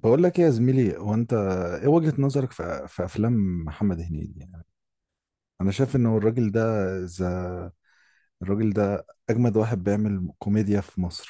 بقول لك ايه يا زميلي. هو انت ايه وجهة نظرك في افلام محمد هنيدي؟ يعني انا شايف انه الراجل ده ذا الراجل ده اجمد واحد بيعمل كوميديا في مصر.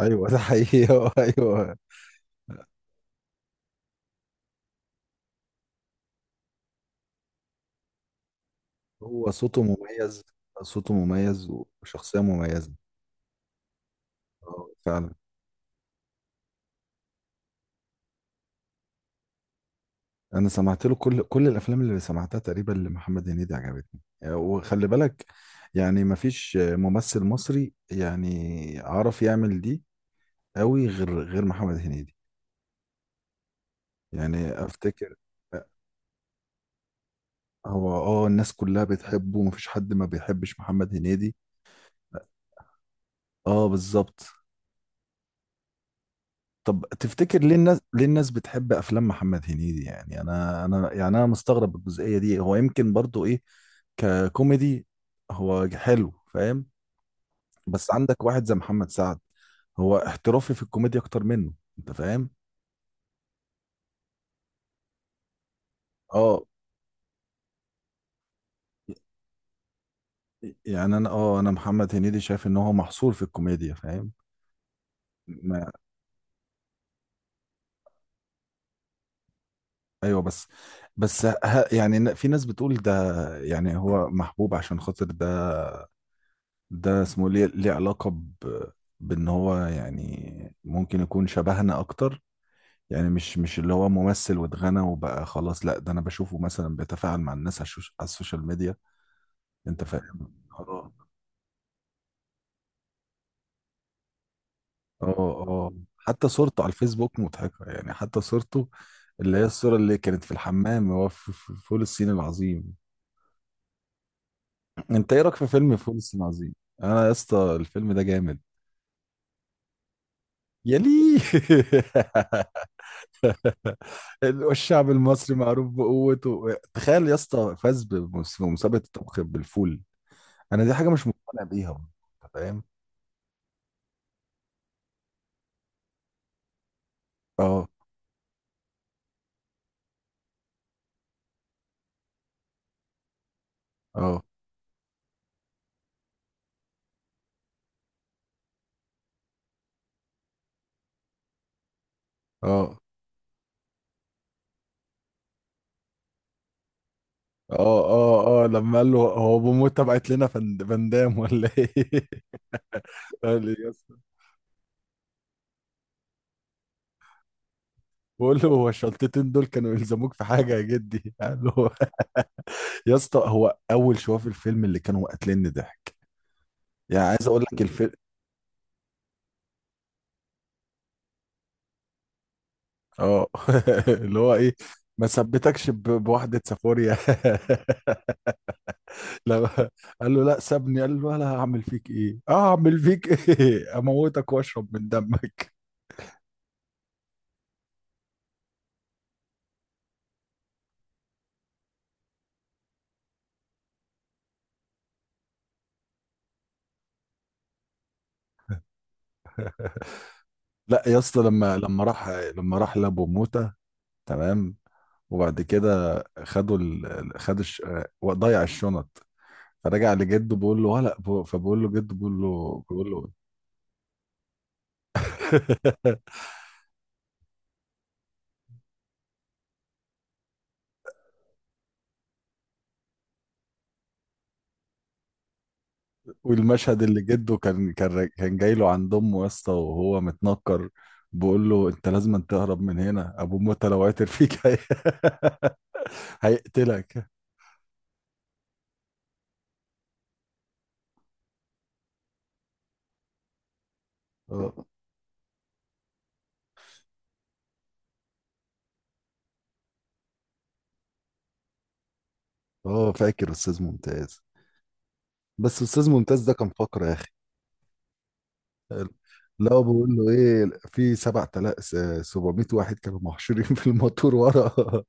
ايوه ده حقيقي ايوه. هو صوته مميز، صوته مميز وشخصية مميزة. اه فعلا، انا سمعت له كل الافلام، اللي سمعتها تقريبا لمحمد هنيدي عجبتني. وخلي بالك يعني مفيش ممثل مصري يعني عرف يعمل دي قوي غير محمد هنيدي. يعني افتكر هو، اه الناس كلها بتحبه، مفيش حد ما بيحبش محمد هنيدي. اه بالظبط. طب تفتكر ليه الناس، ليه الناس بتحب افلام محمد هنيدي؟ يعني انا، انا مستغرب الجزئية دي. هو يمكن برضو ايه ككوميدي هو حلو، فاهم؟ بس عندك واحد زي محمد سعد هو احترافي في الكوميديا اكتر منه، انت فاهم؟ اه. يعني انا، اه انا محمد هنيدي شايف ان هو محصور في الكوميديا، فاهم؟ ايوه بس. بس ه... يعني في ناس بتقول ده، يعني هو محبوب عشان خاطر ده. ده اسمه ليه، ليه علاقة بان هو يعني ممكن يكون شبهنا اكتر. يعني مش اللي هو ممثل واتغنى وبقى خلاص، لا ده انا بشوفه مثلا بيتفاعل مع الناس على على السوشيال ميديا، انت فاهم؟ اه، اه، اه. حتى صورته على الفيسبوك مضحكة، يعني حتى صورته اللي هي الصورة اللي كانت في الحمام هو في في فول الصين العظيم. انت ايه رايك في فيلم فول الصين العظيم؟ انا يا اسطى الفيلم ده جامد يا ليه. والشعب المصري معروف بقوته، تخيل يا اسطى فاز بمسابقه الطبخ بالفول. انا دي حاجه مش مقتنع بيها برضه، انت فاهم؟ اه، اه، اه، اه، اه، اه لما قال له هو بموتة بعت لنا فندام ولا ايه؟ قال لي يا اسطى، بقول له هو الشلطتين دول كانوا يلزموك في حاجه يا جدي؟ قال له يا اسطى هو اول شويه في الفيلم اللي كانوا قاتليني ضحك. يعني عايز اقول لك الفيلم اه. اللي هو ايه، ما ثبتكش بواحدة سافوريا. لو قال له لا سابني، قال له لا هعمل فيك ايه، اه هعمل فيك ايه اموتك واشرب من دمك. لا يا اسطى، لما راح لابو موتة. تمام. وبعد كده خدوا خدوا الش... آه، ضيع الشنط، فرجع لجده بيقول له ولا. فبقول له جده، بيقول له والمشهد اللي جده كان جاي له عند امه يا اسطى وهو متنكر، بيقول له انت لازم تهرب من هنا، ابو موتى لو عثر فيك هيقتلك. اه، اه فاكر استاذ ممتاز. بس استاذ ممتاز ده كان فقر يا اخي. لا هو بيقول له ايه، في 7000 700 واحد كانوا محشورين في الموتور ورا.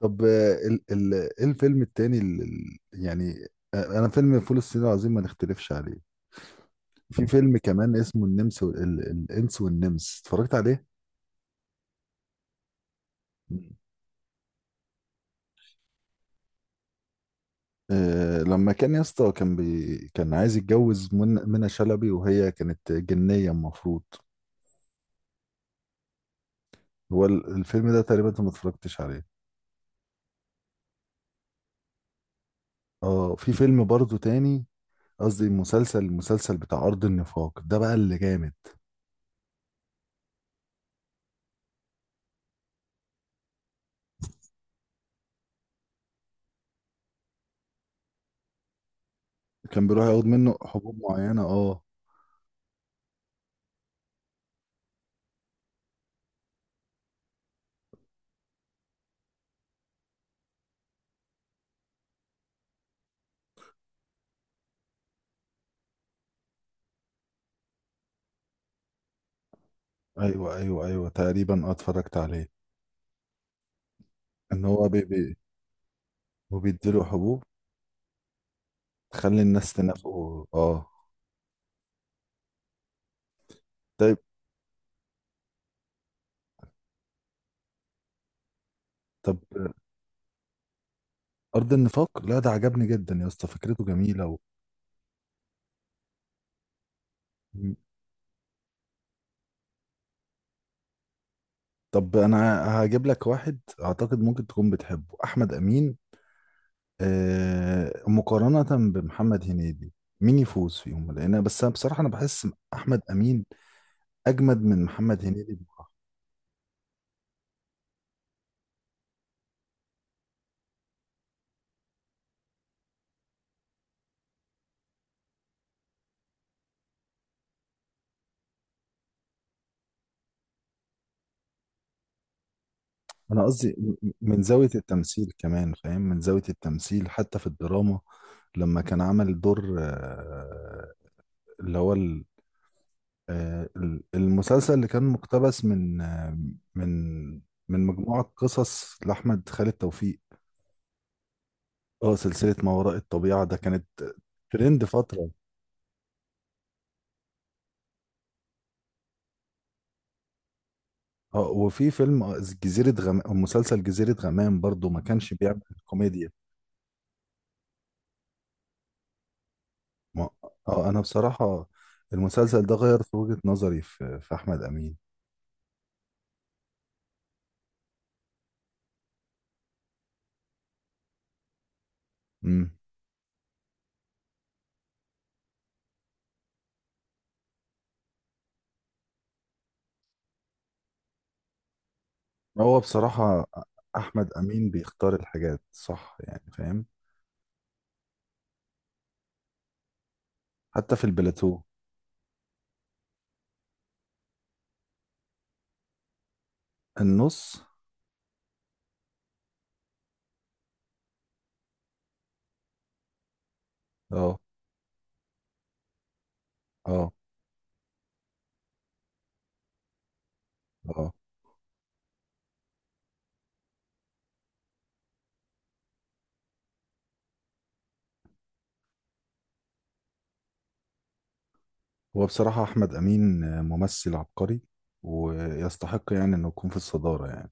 طب ال ايه الفيلم التاني، يعني انا فيلم فول الصين العظيم ما نختلفش عليه. في فيلم كمان اسمه النمس الانس والنمس، اتفرجت عليه؟ مم. آه لما كان يا اسطى كان عايز يتجوز من منى شلبي وهي كانت جنية المفروض. هو الفيلم ده تقريبا انت ما اتفرجتش عليه. اه في فيلم برضه تاني، قصدي مسلسل، المسلسل بتاع أرض النفاق ده بقى اللي جامد. كان بيروح ياخد منه حبوب معينة، اه. ايوه، ايوه، ايوه تقريبا، اتفرجت عليه. ان هو بي بي وبيديله حبوب تخلي الناس تنافقه، اه. طيب. طب أرض النفاق، لا ده عجبني جدا يا اسطى، فكرته جميلة مم. طب أنا هجيب لك واحد أعتقد ممكن تكون بتحبه، أحمد أمين. آه مقارنة بمحمد هنيدي، مين يفوز فيهم؟ لأن بس أنا بصراحة أنا بحس أحمد أمين أجمد من محمد هنيدي. أنا قصدي من زاوية التمثيل كمان، فاهم؟ من زاوية التمثيل، حتى في الدراما لما كان عمل دور آه، اللي هو آه، ال- المسلسل اللي كان مقتبس من من من مجموعة قصص لأحمد خالد توفيق. اه سلسلة ما وراء الطبيعة ده كانت ترند فترة. اه وفي فيلم، جزيرة غمام، مسلسل جزيرة غمام برضو ما كانش بيعمل كوميديا. ما اه أنا بصراحة المسلسل ده غير في وجهة نظري في أحمد أمين. امم. هو بصراحة أحمد أمين بيختار الحاجات صح يعني، فاهم؟ حتى في البلاتو، النص. اه، اه، اه. هو بصراحة أحمد أمين ممثل عبقري، ويستحق يعني إنه يكون في الصدارة يعني.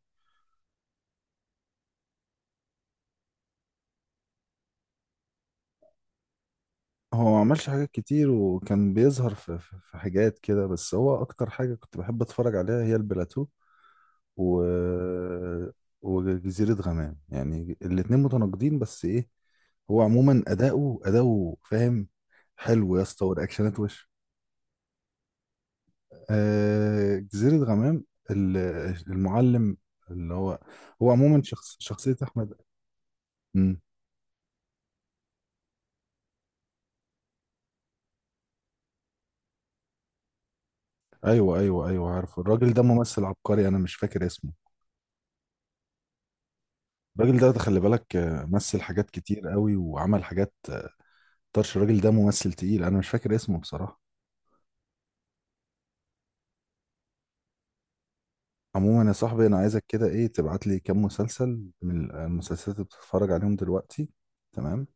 هو ما عملش حاجات كتير وكان بيظهر في, في حاجات كده، بس هو أكتر حاجة كنت بحب أتفرج عليها هي البلاتو و... وجزيرة غمام. يعني الاتنين متناقضين بس إيه، هو عموما أداؤه فاهم حلو يا اسطى، ورياكشنات وش. آه جزيرة غمام ال- المعلم اللي هو، هو عموما شخصية أحمد. مم. ايوه، ايوه، ايوه عارف الراجل ده ممثل عبقري، انا مش فاكر اسمه. الراجل ده خلي بالك، مثل حاجات كتير قوي، وعمل حاجات طرش. الراجل ده ممثل تقيل، انا مش فاكر اسمه بصراحة. عموما يا صاحبي انا عايزك كده ايه، تبعت لي كام مسلسل من المسلسلات اللي بتتفرج عليهم دلوقتي، تمام؟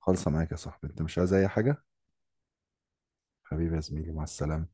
خالصة معاك يا صاحبي، انت مش عايز اي حاجة؟ حبيبي يا زميلي، مع السلامة.